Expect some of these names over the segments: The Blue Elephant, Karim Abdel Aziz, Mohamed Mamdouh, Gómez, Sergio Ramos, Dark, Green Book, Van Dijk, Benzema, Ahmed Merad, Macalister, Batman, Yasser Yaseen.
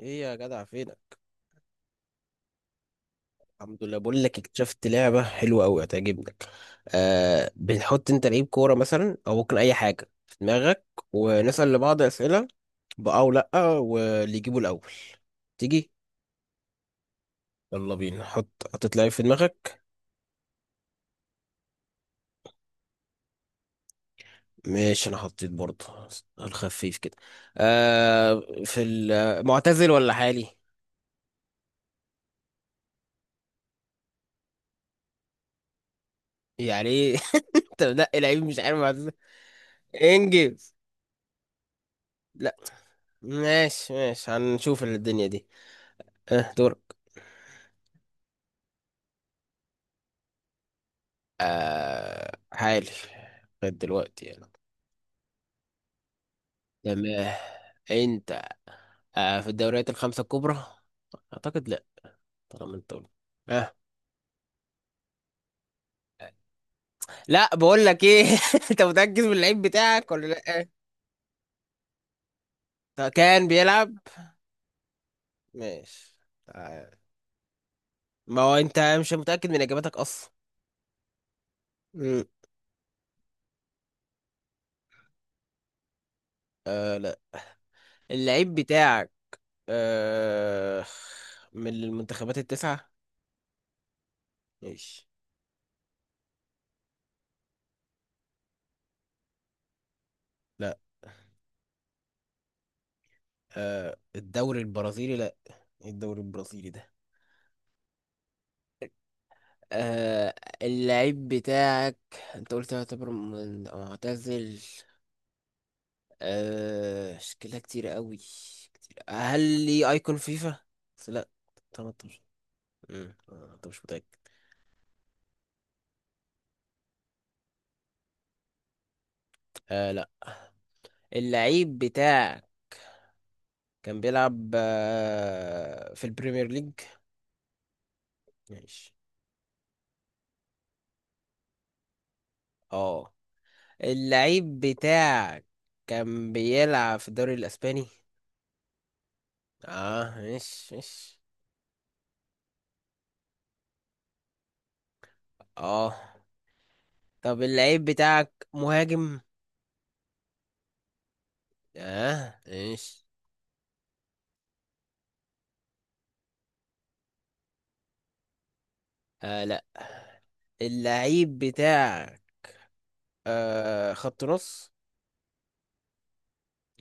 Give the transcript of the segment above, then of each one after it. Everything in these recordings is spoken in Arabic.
ايه يا جدع، فينك؟ الحمد لله. بقول لك اكتشفت لعبه حلوه قوي هتعجبك. آه، بنحط انت لعيب كوره مثلا او ممكن اي حاجه في دماغك، ونسال لبعض اسئله بأه او لا، واللي يجيبه الاول. تيجي؟ يلا بينا. حطيت لعيب في دماغك؟ ماشي، انا حطيت برضه. الخفيف كده. آه، في المعتزل ولا حالي؟ يعني ايه؟ انت منقي لعيب مش عارف معتزل؟ انجز. لا. ماشي ماشي، هنشوف الدنيا دي. اه، دور. آه، عالي لغاية دلوقتي يعني. تمام. انت؟ آه، في الدوريات الخمسة الكبرى؟ اعتقد لا، طالما انت قلت. آه. لا، بقول لك ايه، انت متأكد من اللعيب بتاعك ولا لا؟ طب كان بيلعب؟ ماشي. تعال. ما هو انت مش متأكد من اجاباتك اصلا. مم. آه، لا، اللعيب بتاعك آه من المنتخبات التسعة. ماشي. لا. آه، الدوري البرازيلي؟ لا. إيه الدوري البرازيلي ده؟ آه، اللعيب بتاعك انت قلت يعتبر معتزل. آه، شكلها كتير قوي. كتير، هل ليه ايكون فيفا؟ بس لا. 18. آه، انت مش متأكد. آه، لا، اللعيب بتاعك كان بيلعب في البريمير ليج. ماشي. اه، اللعيب بتاعك كان بيلعب في الدوري الاسباني. اه، ماشي ماشي. اه، طب اللعيب بتاعك مهاجم؟ اه، ايش؟ آه، لا، اللعيب بتاعك خط نص.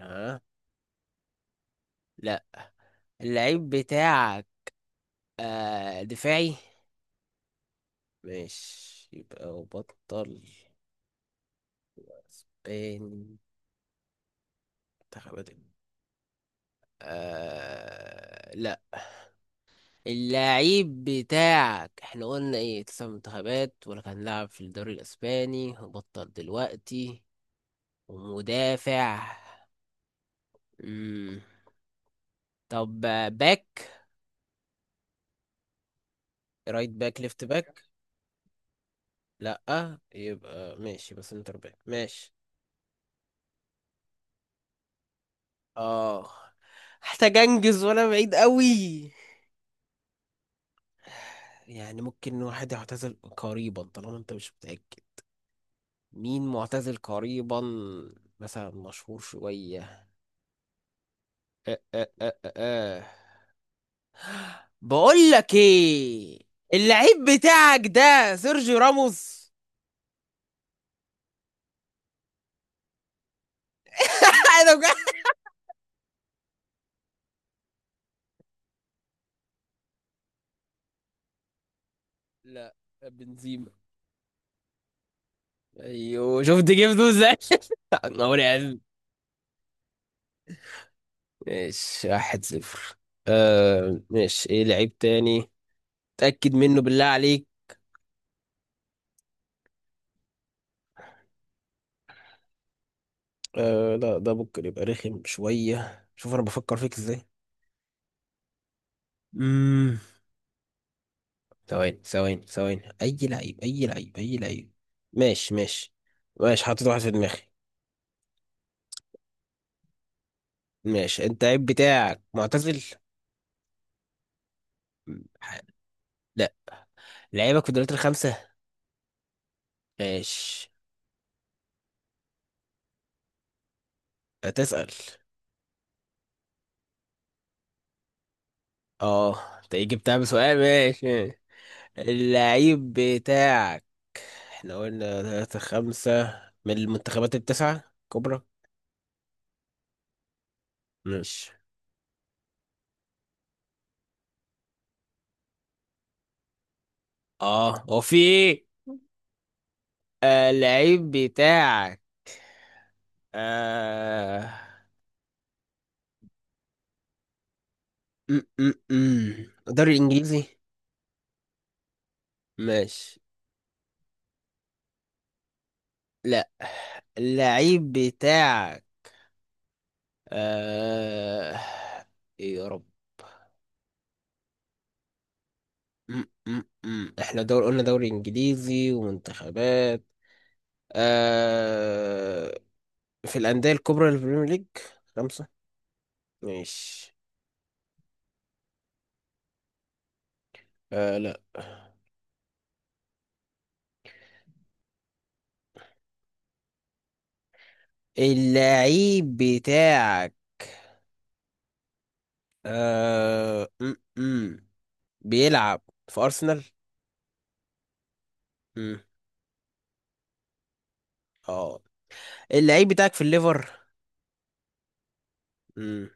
اه، لا، اللعيب بتاعك دفاعي. ماشي، يبقى وبطل. اسباني. منتخبات آه، لا، اللعيب بتاعك. احنا قلنا ايه، تسع منتخبات ولا كان لاعب في الدوري الاسباني وبطل دلوقتي ومدافع؟ مم. طب، آه، باك. رايت باك، ليفت باك؟ لأ، يبقى ماشي، بس انتر باك ماشي. اه. محتاج انجز، وانا بعيد قوي. يعني ممكن واحد يعتزل قريبا، طالما انت مش متأكد. مين معتزل قريبا؟ مثلا مشهور شوية. أه أه أه أه أه. بقول لك ايه، اللعيب بتاعك ده سيرجيو راموس؟ انا بجد. لا، بنزيما. ايوه، شفت جبته ازاي؟ انا ماشي واحد صفر. آه، ماشي، ايه لعيب تاني؟ تأكد منه بالله عليك. آه، لا، ده ممكن يبقى رخم شوية، شوف انا بفكر فيك ازاي. امم ثواني ثواني ثواني، اي لعيب، اي لعيب، اي لعيب. ماشي ماشي. ماشي، حاطط واحد في دماغي. ماشي، انت اللعيب بتاعك معتزل؟ ح- لا، لعيبك في الدوريات الخمسة. ماشي. هتسأل؟ اه، انت إيه جبتها بسؤال؟ ماشي ماشي. اللعيب بتاعك، احنا قلنا ثلاثة، خمسة من المنتخبات التسعة كبرى. ماشي. اه، هو في ايه؟ آه، اللعيب بتاعك آه م -م -م. الدوري الانجليزي. ماشي. لا، اللعيب بتاعك آه ايه يا رب. م -م -م. احنا دور قلنا دوري انجليزي ومنتخبات آه في الانديه الكبرى للبريمير ليج خمسه. ماشي. آه، لا، اللعيب بتاعك م -م. بيلعب في أرسنال؟ م. اه، اللعيب بتاعك في الليفر؟ م.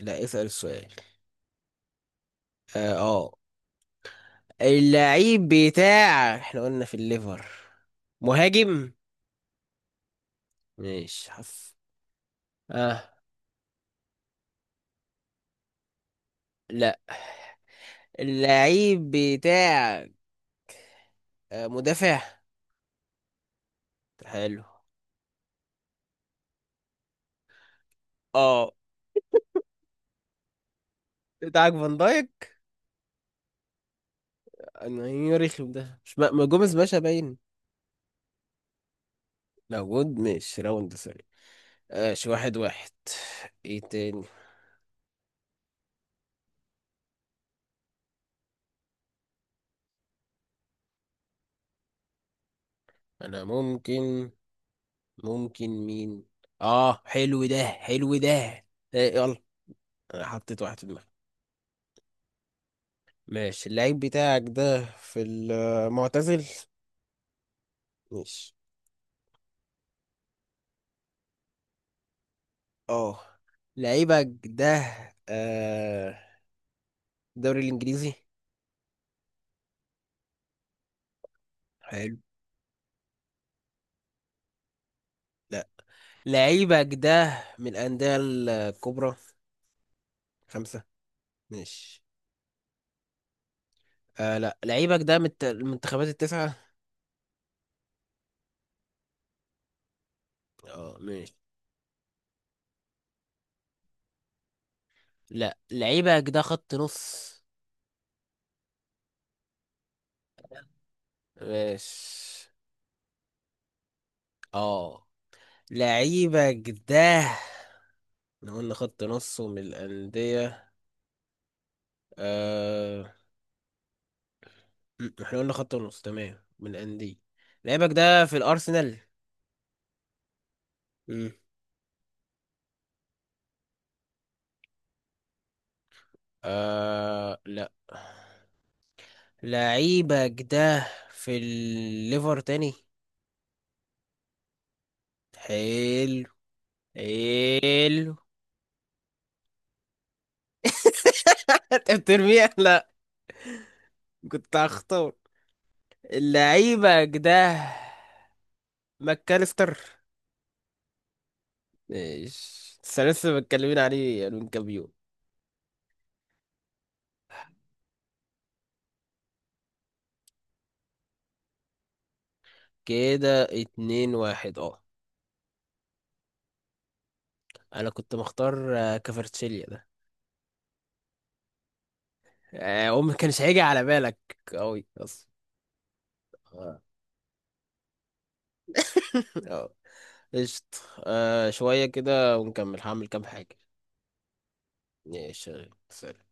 لا، اسأل السؤال. اه، آه. اللعيب بتاعك احنا قلنا في الليفر، مهاجم؟ ماشي، حف. اه، لا، اللعيب بتاعك مدافع؟ حلو. اه، بتاعك فان دايك؟ انا ايه يا رخم، ده مش ما ما جوميز باشا باين موجود. ماشي راوند. ماشي، واحد واحد. ايه تاني؟ انا ممكن، ممكن مين؟ اه، حلو ده، حلو ده. إيه، يلا. انا حطيت واحد في دماغي. ماشي، اللعيب بتاعك ده في المعتزل؟ ماشي. اه، لعيبك ده آه الدوري الانجليزي. حلو. لا، لعيبك ده من الانديه الكبرى خمسة؟ ماشي. آه، لا، لعيبك ده من المنتخبات التسعة. اه، ماشي. لا، لعيبك ده خط نص. ماشي. اه، لعيبك ده، احنا قلنا خط نص ومن الأندية. آه... احنا قلنا خط نص تمام من الأندية. لعيبك ده في الأرسنال؟ م. لا، لعيبك ده في الليفر تاني؟ حلو، حلو. انت بترميها. لا، كنت هختار لعيبك ده ماكاليستر. ماشي، بس أنا لسه متكلمين عليه من كام يوم. كده اتنين واحد، اه. انا كنت مختار كفرتشيليا ده. آه، هو ما كانش هيجي على بالك قوي اصلا. اه. آه. قشطة. آه، شوية كده ونكمل هعمل كام حاجة. ماشي. سلام.